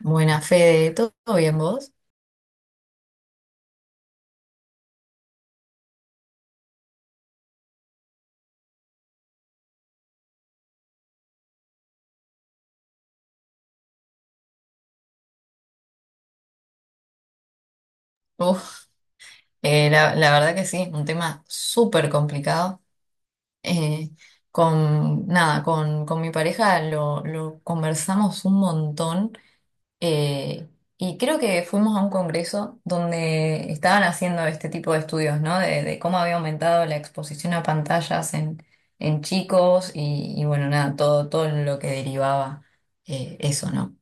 Buena Fede, ¿todo bien vos? Uf, la verdad que sí, un tema súper complicado. Eh, con nada, con mi pareja lo conversamos un montón eh, y creo que fuimos a un congreso donde estaban haciendo este tipo de estudios, ¿no? De cómo había aumentado la exposición a pantallas en chicos y bueno, nada, todo lo que derivaba eso, ¿no?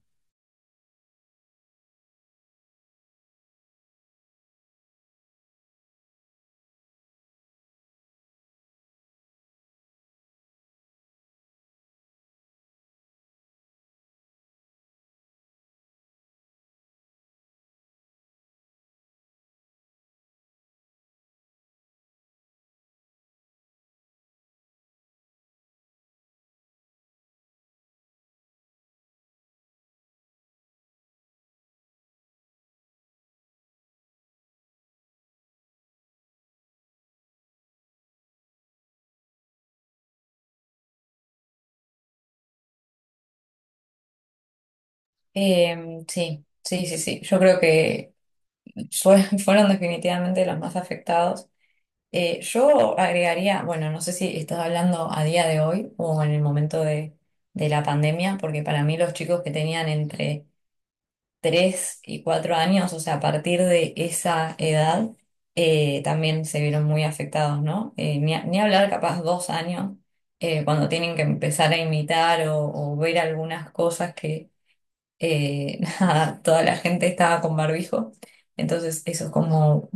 Sí, sí, sí, sí. Yo creo que fueron definitivamente los más afectados. Yo agregaría, bueno, no sé si estás hablando a día de hoy o en el momento de la pandemia, porque para mí los chicos que tenían entre 3 y 4 años, o sea, a partir de esa edad, también se vieron muy afectados, ¿no? Ni hablar capaz 2 años, cuando tienen que empezar a imitar o ver algunas cosas que nada, toda la gente estaba con barbijo, entonces eso es como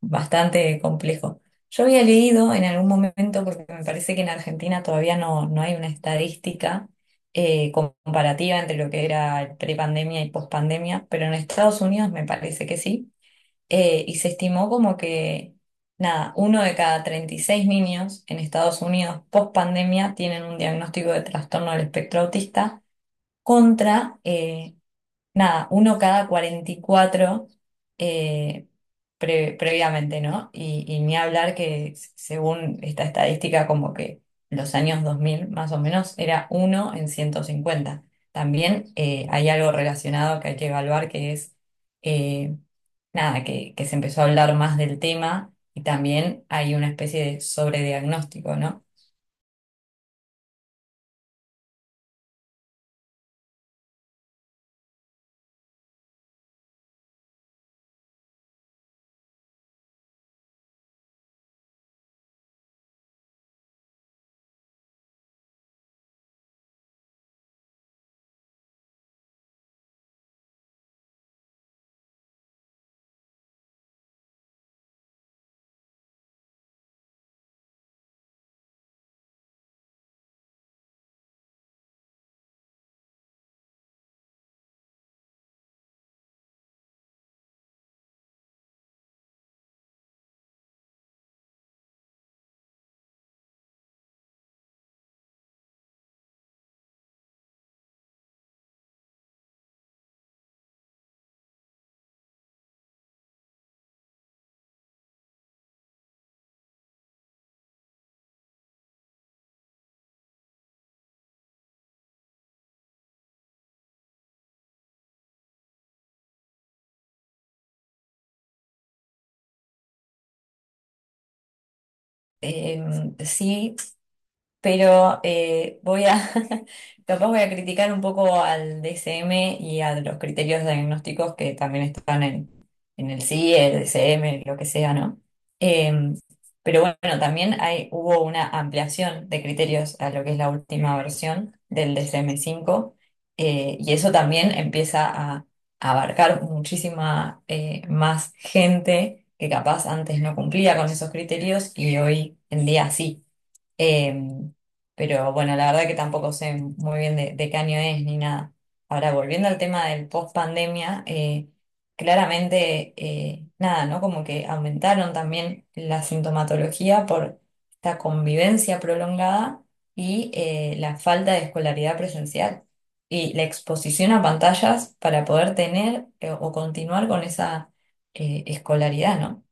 bastante complejo. Yo había leído en algún momento, porque me parece que en Argentina todavía no hay una estadística comparativa entre lo que era prepandemia y pospandemia, pero en Estados Unidos me parece que sí, y se estimó como que, nada, uno de cada 36 niños en Estados Unidos pospandemia tienen un diagnóstico de trastorno del espectro autista contra nada, uno cada 44 eh, previamente, ¿no? Y ni hablar que según esta estadística, como que los años 2000 más o menos era uno en 150. También hay algo relacionado que hay que evaluar que es, eh, nada, que se empezó a hablar más del tema y también hay una especie de sobrediagnóstico, ¿no? Eh, sí. Pero capaz voy a criticar un poco al DSM y a los criterios diagnósticos que también están en el CIE, el DSM, lo que sea, ¿no? Eh, pero bueno, también hubo una ampliación de criterios a lo que es la última versión del DSM-5 y eso también empieza a abarcar muchísima más gente que capaz antes no cumplía con esos criterios y hoy en día sí. Em, pero bueno, la verdad que tampoco sé muy bien de qué año es ni nada. Ahora, volviendo al tema del post pandemia, claramente, nada, ¿no? Como que aumentaron también la sintomatología por esta convivencia prolongada y la falta de escolaridad presencial y la exposición a pantallas para poder tener o continuar con esa escolaridad, ¿no?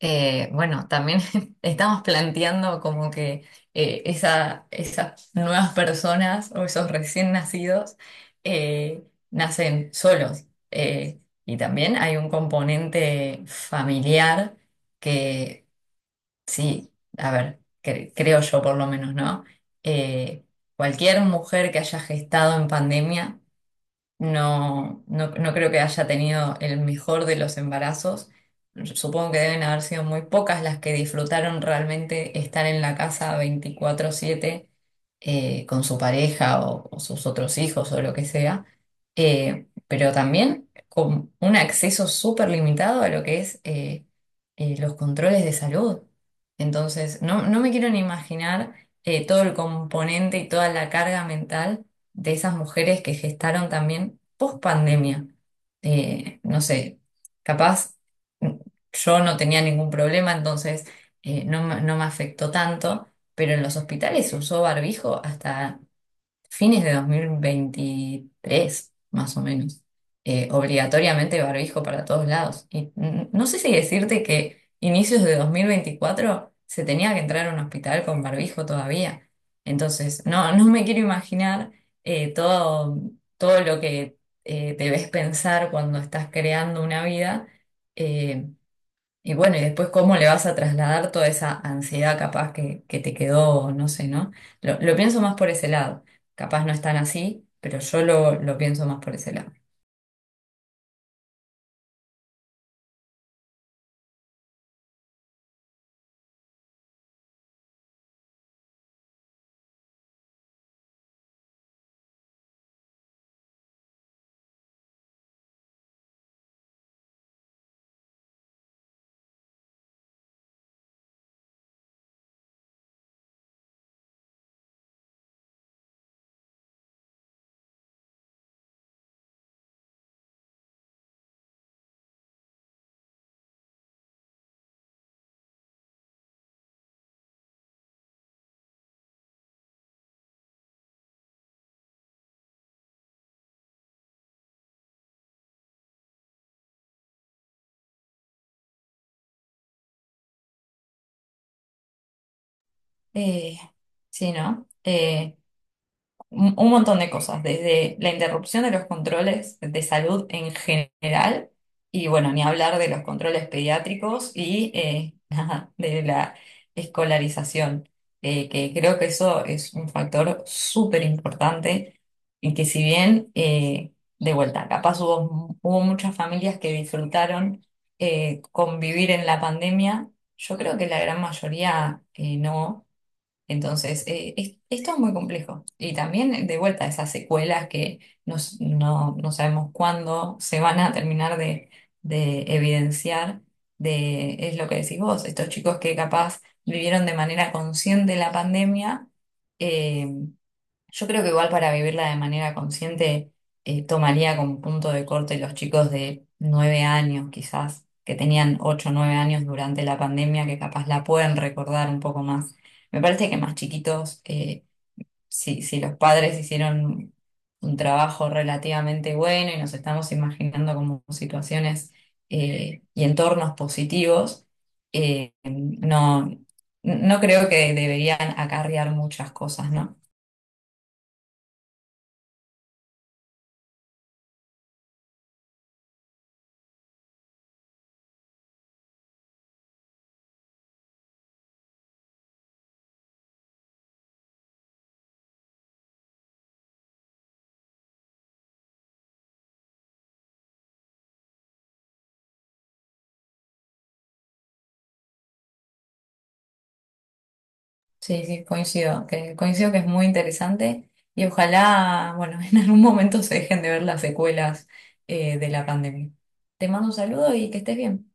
Bueno, también estamos planteando como que esas nuevas personas o esos recién nacidos eh, nacen solos. Eh, y también hay un componente familiar que, sí, a ver, creo yo por lo menos, ¿no? Eh, cualquier mujer que haya gestado en pandemia no creo que haya tenido el mejor de los embarazos. Supongo que deben haber sido muy pocas las que disfrutaron realmente estar en la casa 24/7 con su pareja o sus otros hijos o lo que sea. Pero también con un acceso súper limitado a lo que es los controles de salud. Entonces, no me quiero ni imaginar todo el componente y toda la carga mental de esas mujeres que gestaron también post pandemia. No sé, capaz mm, yo no tenía ningún problema, entonces no me afectó tanto, pero en los hospitales se usó barbijo hasta fines de 2023 más o menos. Obligatoriamente barbijo para todos lados. Y no sé si decirte que inicios de 2024 se tenía que entrar a un hospital con barbijo todavía. Entonces, no me quiero imaginar eh, todo, todo lo que debes pensar cuando estás creando una vida. eh, y bueno, y después cómo le vas a trasladar toda esa ansiedad capaz que te quedó, no sé, ¿no? Lo pienso más por ese lado. Capaz no es tan así, pero yo lo pienso más por ese lado. Eh, sí, ¿no? Un montón de cosas, desde la interrupción de los controles de salud en general, y bueno, ni hablar de los controles pediátricos y nada, de la escolarización, que creo que eso es un factor súper importante y que si bien, de vuelta, capaz hubo muchas familias que disfrutaron convivir en la pandemia, yo creo que la gran mayoría no. Entonces, es todo muy complejo. Y también, de vuelta, esas secuelas que no sabemos cuándo se van a terminar de evidenciar, es lo que decís vos, estos chicos que capaz vivieron de manera consciente la pandemia, eh, yo creo que igual para vivirla de manera consciente tomaría como punto de corte los chicos de 9 años quizás, que tenían 8 o 9 años durante la pandemia, que capaz la pueden recordar un poco más. Me parece que más chiquitos, si los padres hicieron un trabajo relativamente bueno y nos estamos imaginando como situaciones y entornos positivos, eh, no, no creo que deberían acarrear muchas cosas, ¿no? Sí, sí, coincido que es muy interesante y ojalá, bueno, en algún momento se dejen de ver las secuelas de la pandemia. Te mando un saludo y que estés bien.